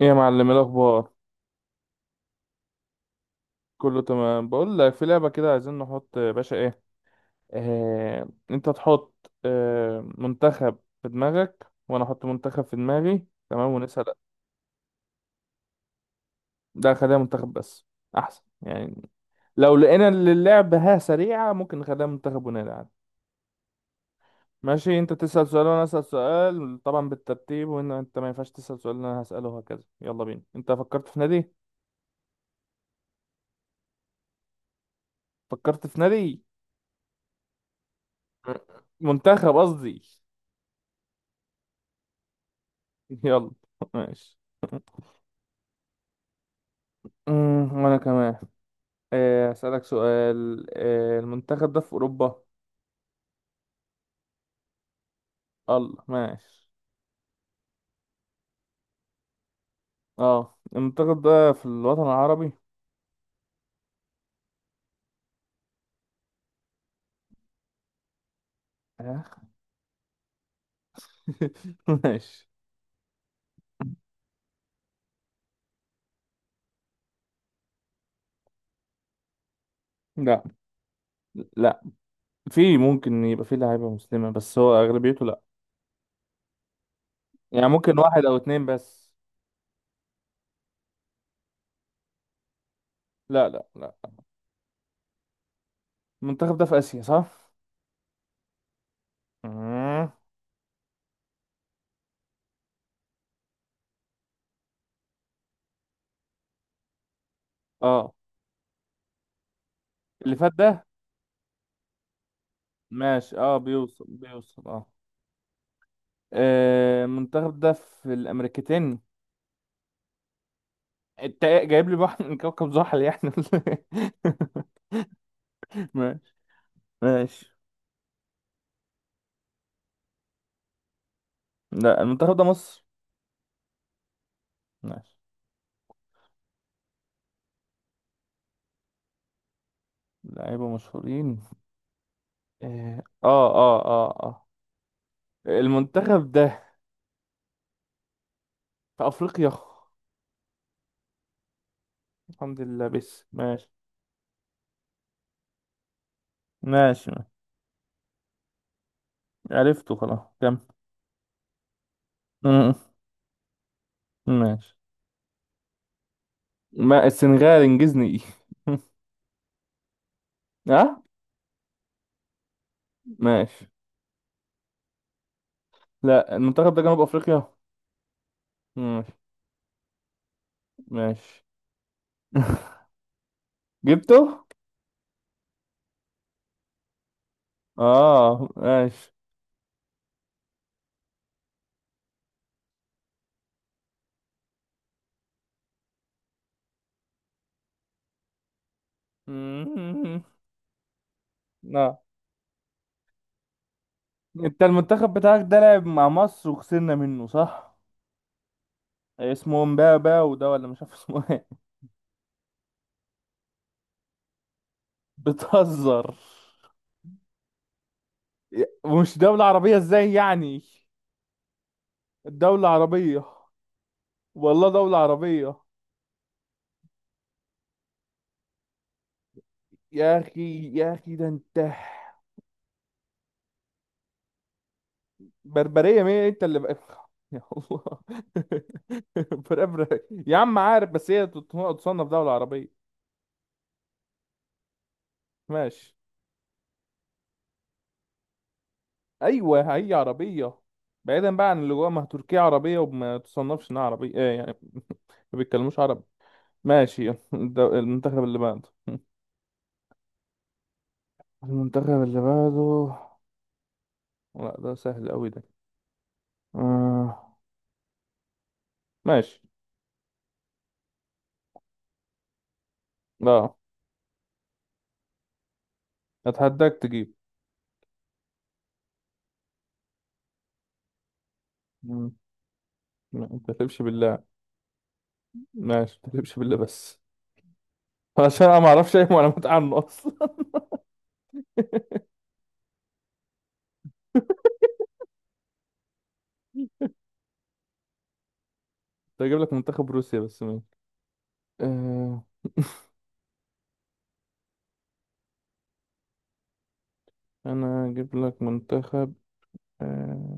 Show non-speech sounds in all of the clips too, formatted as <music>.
ايه يا معلم، إيه الاخبار؟ كله تمام. بقول لك في لعبه كده عايزين نحط، يا باشا ايه، آه انت تحط آه منتخب في دماغك وانا احط منتخب في دماغي، تمام، ونسال. ده خليها منتخب بس، احسن يعني. لو لقينا إن اللعبه ها سريعه ممكن نخليها منتخب ونلعب. ماشي. انت تسال سؤال وانا اسال سؤال، طبعا بالترتيب، وان انت ما ينفعش تسال سؤال اللي انا هساله وهكذا. يلا بينا. انت فكرت في نادي؟ فكرت في نادي، منتخب قصدي. <laughs> يلا. ماشي. وانا كمان. آه، اسالك سؤال. آه، المنتخب ده في اوروبا؟ الله، ماشي. اه المنتخب ده في الوطن العربي؟ آه. <laughs> ماشي. لا لا، في ممكن يبقى في لعيبه مسلمه بس هو اغلبيته لا. يعني ممكن واحد او اتنين بس. لا لا لا. المنتخب ده في اسيا، صح؟ مم. اه، اللي فات ده؟ ماشي، اه، بيوصل بيوصل اه. آه، المنتخب ده في الامريكتين؟ انت جايب لي واحد من كوكب زحل يعني ولا إيه؟ <laughs> ماشي ماشي. لا، المنتخب ده مصر. ماشي. لعيبة مشهورين؟ اه آه. المنتخب ده في افريقيا. الحمد لله، بس ماشي. ماشي ماشي. عرفته خلاص. كم؟ م. <laughs> ماشي. ما السنغال انجزني. <laughs> ايه اه. ماشي. لا، المنتخب ده جنوب افريقيا. ماشي ماشي. <laughs> جبته. اه ماشي. <laughs> لا، انت المنتخب بتاعك ده لعب مع مصر وخسرنا منه، صح؟ اسمه مبابا وده ولا مش عارف اسمه ايه. <laughs> بتهزر؟ ومش دولة عربية؟ ازاي يعني؟ دولة عربية. والله دولة عربية. يا اخي يا اخي، ده انت. بربرية مين؟ انت اللي بقى. يا الله. <laughs> بربرة. يا عم عارف، بس هي تصنف دولة عربية. ماشي. ايوه هي عربيه. بعيدا بقى عن اللي جوه، ما هي تركيا عربيه وما تصنفش انها عربيه، ايه يعني؟ <laughs> ما بيتكلموش عربي. ماشي. <laughs> المنتخب اللي بعده. <laughs> المنتخب اللي بعده. لا ده سهل قوي ده. آه. ماشي. لا، اتحداك تجيب. مم. ما تحلفش بالله. ماشي، ما تحلفش بالله بس. <laughs> عشان انا ما اعرفش اي معلومات عنه اصلا. <laughs> كنت اجيب لك منتخب روسيا بس ماشي. آه. انا اجيب لك منتخب. آه،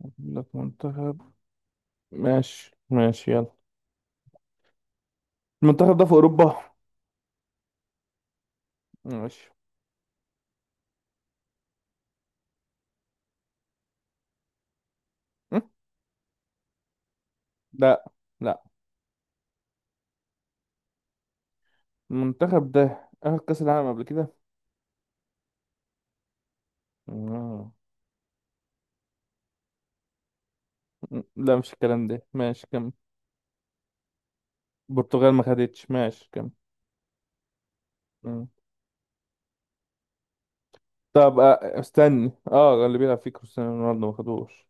اجيب لك منتخب. ماشي ماشي، يلا. المنتخب ده في اوروبا. ماشي. م? لا. لا. المنتخب ده اخد كاس العالم قبل كده؟ مم. لا، مش الكلام ده. ماشي، كم؟ البرتغال ما خدتش. ماشي، كم؟ مم. طب آه، استني، اه، اللي بيلعب فيه كريستيانو رونالدو ما خدوش.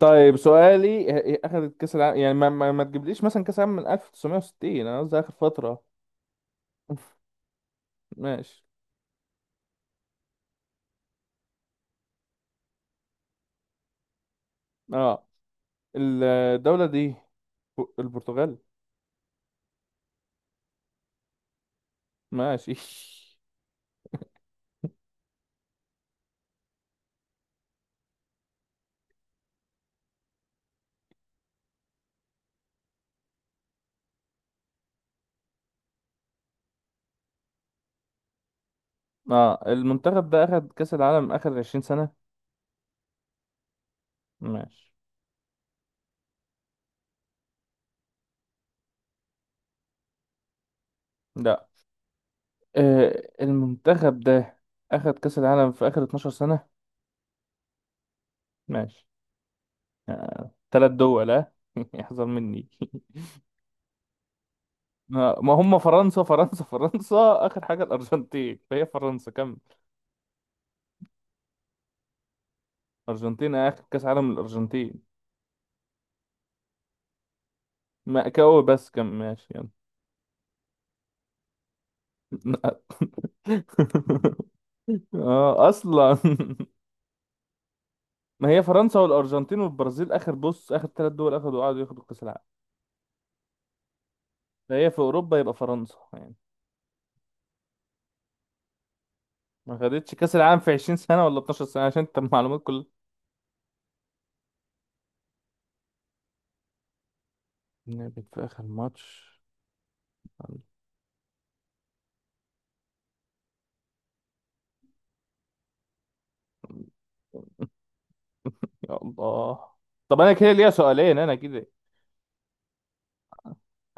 طيب سؤالي، آه، اخدت كاس العالم يعني، ما تجيبليش مثلا كاس العالم من 1960، انا قصدي اخر فترة. <laughs> ماشي. اه، الدولة دي البرتغال. ماشي. <laughs> اه، المنتخب ده اخد كأس العالم اخر 20 سنة؟ ماشي. لا، آه، المنتخب ده اخد كأس العالم في اخر 12 سنة. ماشي. آه، تلات دول اه. <laughs> يحذر مني. <laughs> ما هم فرنسا، فرنسا فرنسا. اخر حاجة الارجنتين، فهي فرنسا، كمل. أرجنتين آخر كأس عالم الأرجنتين. مأكاوي بس، كان ماشي يعني. <laughs> اه اصلا. <laughs> ما هي فرنسا والارجنتين والبرازيل اخر بص، اخر ثلاث دول اخدوا قعدوا ياخدوا كاس العالم. فهي في اوروبا يبقى فرنسا يعني. ما خدتش كاس العالم في 20 سنه ولا 12 سنه؟ عشان انت المعلومات كلها. لعبت في اخر ماتش. يا الله. طب انا كده ليا سؤالين، انا كده.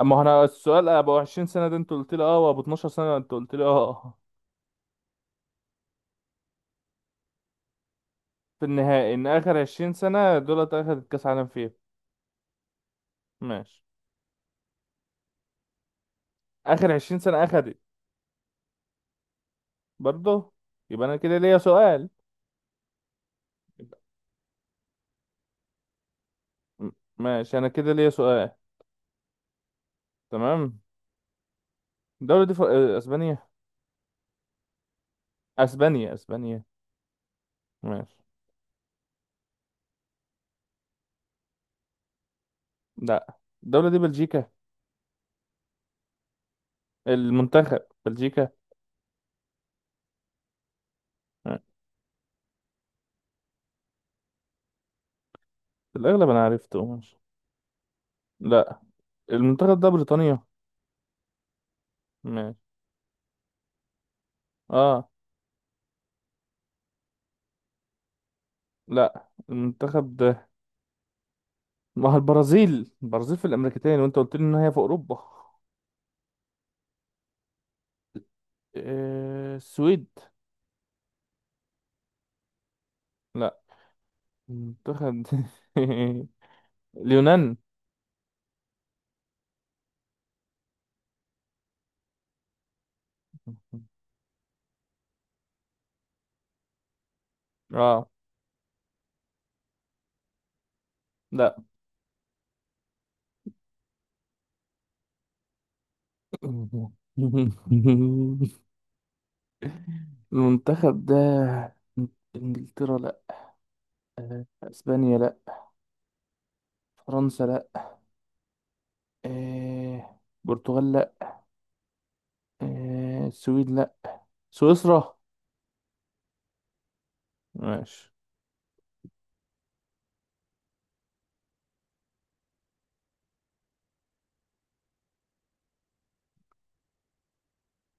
اما هو انا، السؤال ابو 20 سنه ده انت قلت لي اه، وابو 12 سنه انت قلت لي اه. في النهائي؟ ان اخر 20 سنة دولت اخدت كاس عالم فيها؟ ماشي. اخر 20 سنة اخدت؟ برضه. يبقى انا كده ليا سؤال. يبقى- م- ماشي، انا كده ليا سؤال. تمام. الدولة دي ف... آه، اسبانيا؟ اسبانيا، اسبانيا. ماشي. لا، الدولة دي بلجيكا. المنتخب بلجيكا. آه، في الاغلب انا عرفته. ماشي. لا، المنتخب ده بريطانيا. ماشي. اه. لا، المنتخب ده. ما هو البرازيل، البرازيل في الامريكتين، وانت قلت لي ان هي في اوروبا. آه، السويد؟ لا. منتخب. <laughs> اليونان؟ اه لا. <laughs> المنتخب ده، انجلترا لا، آه، اسبانيا لا، فرنسا لا، آه، برتغال لا، آه، السويد لا، سويسرا؟ ماشي.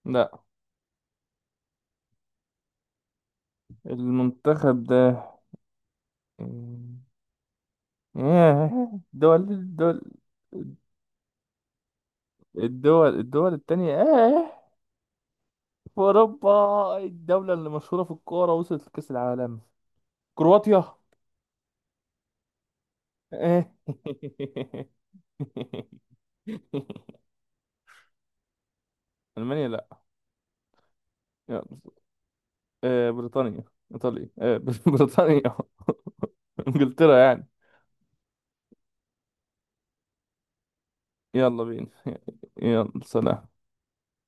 لا. المنتخب ده. آه، دول الدول الدول التانية آه في أوروبا، الدولة اللي مشهورة في الكورة، وصلت لكأس العالم. كرواتيا. ايه. <laughs> المانيا لا. يلا. آه، بريطانيا. ايطاليا. آه، <laughs> بريطانيا. انجلترا يعني. يلا بينا. <laughs> يلا، سلام.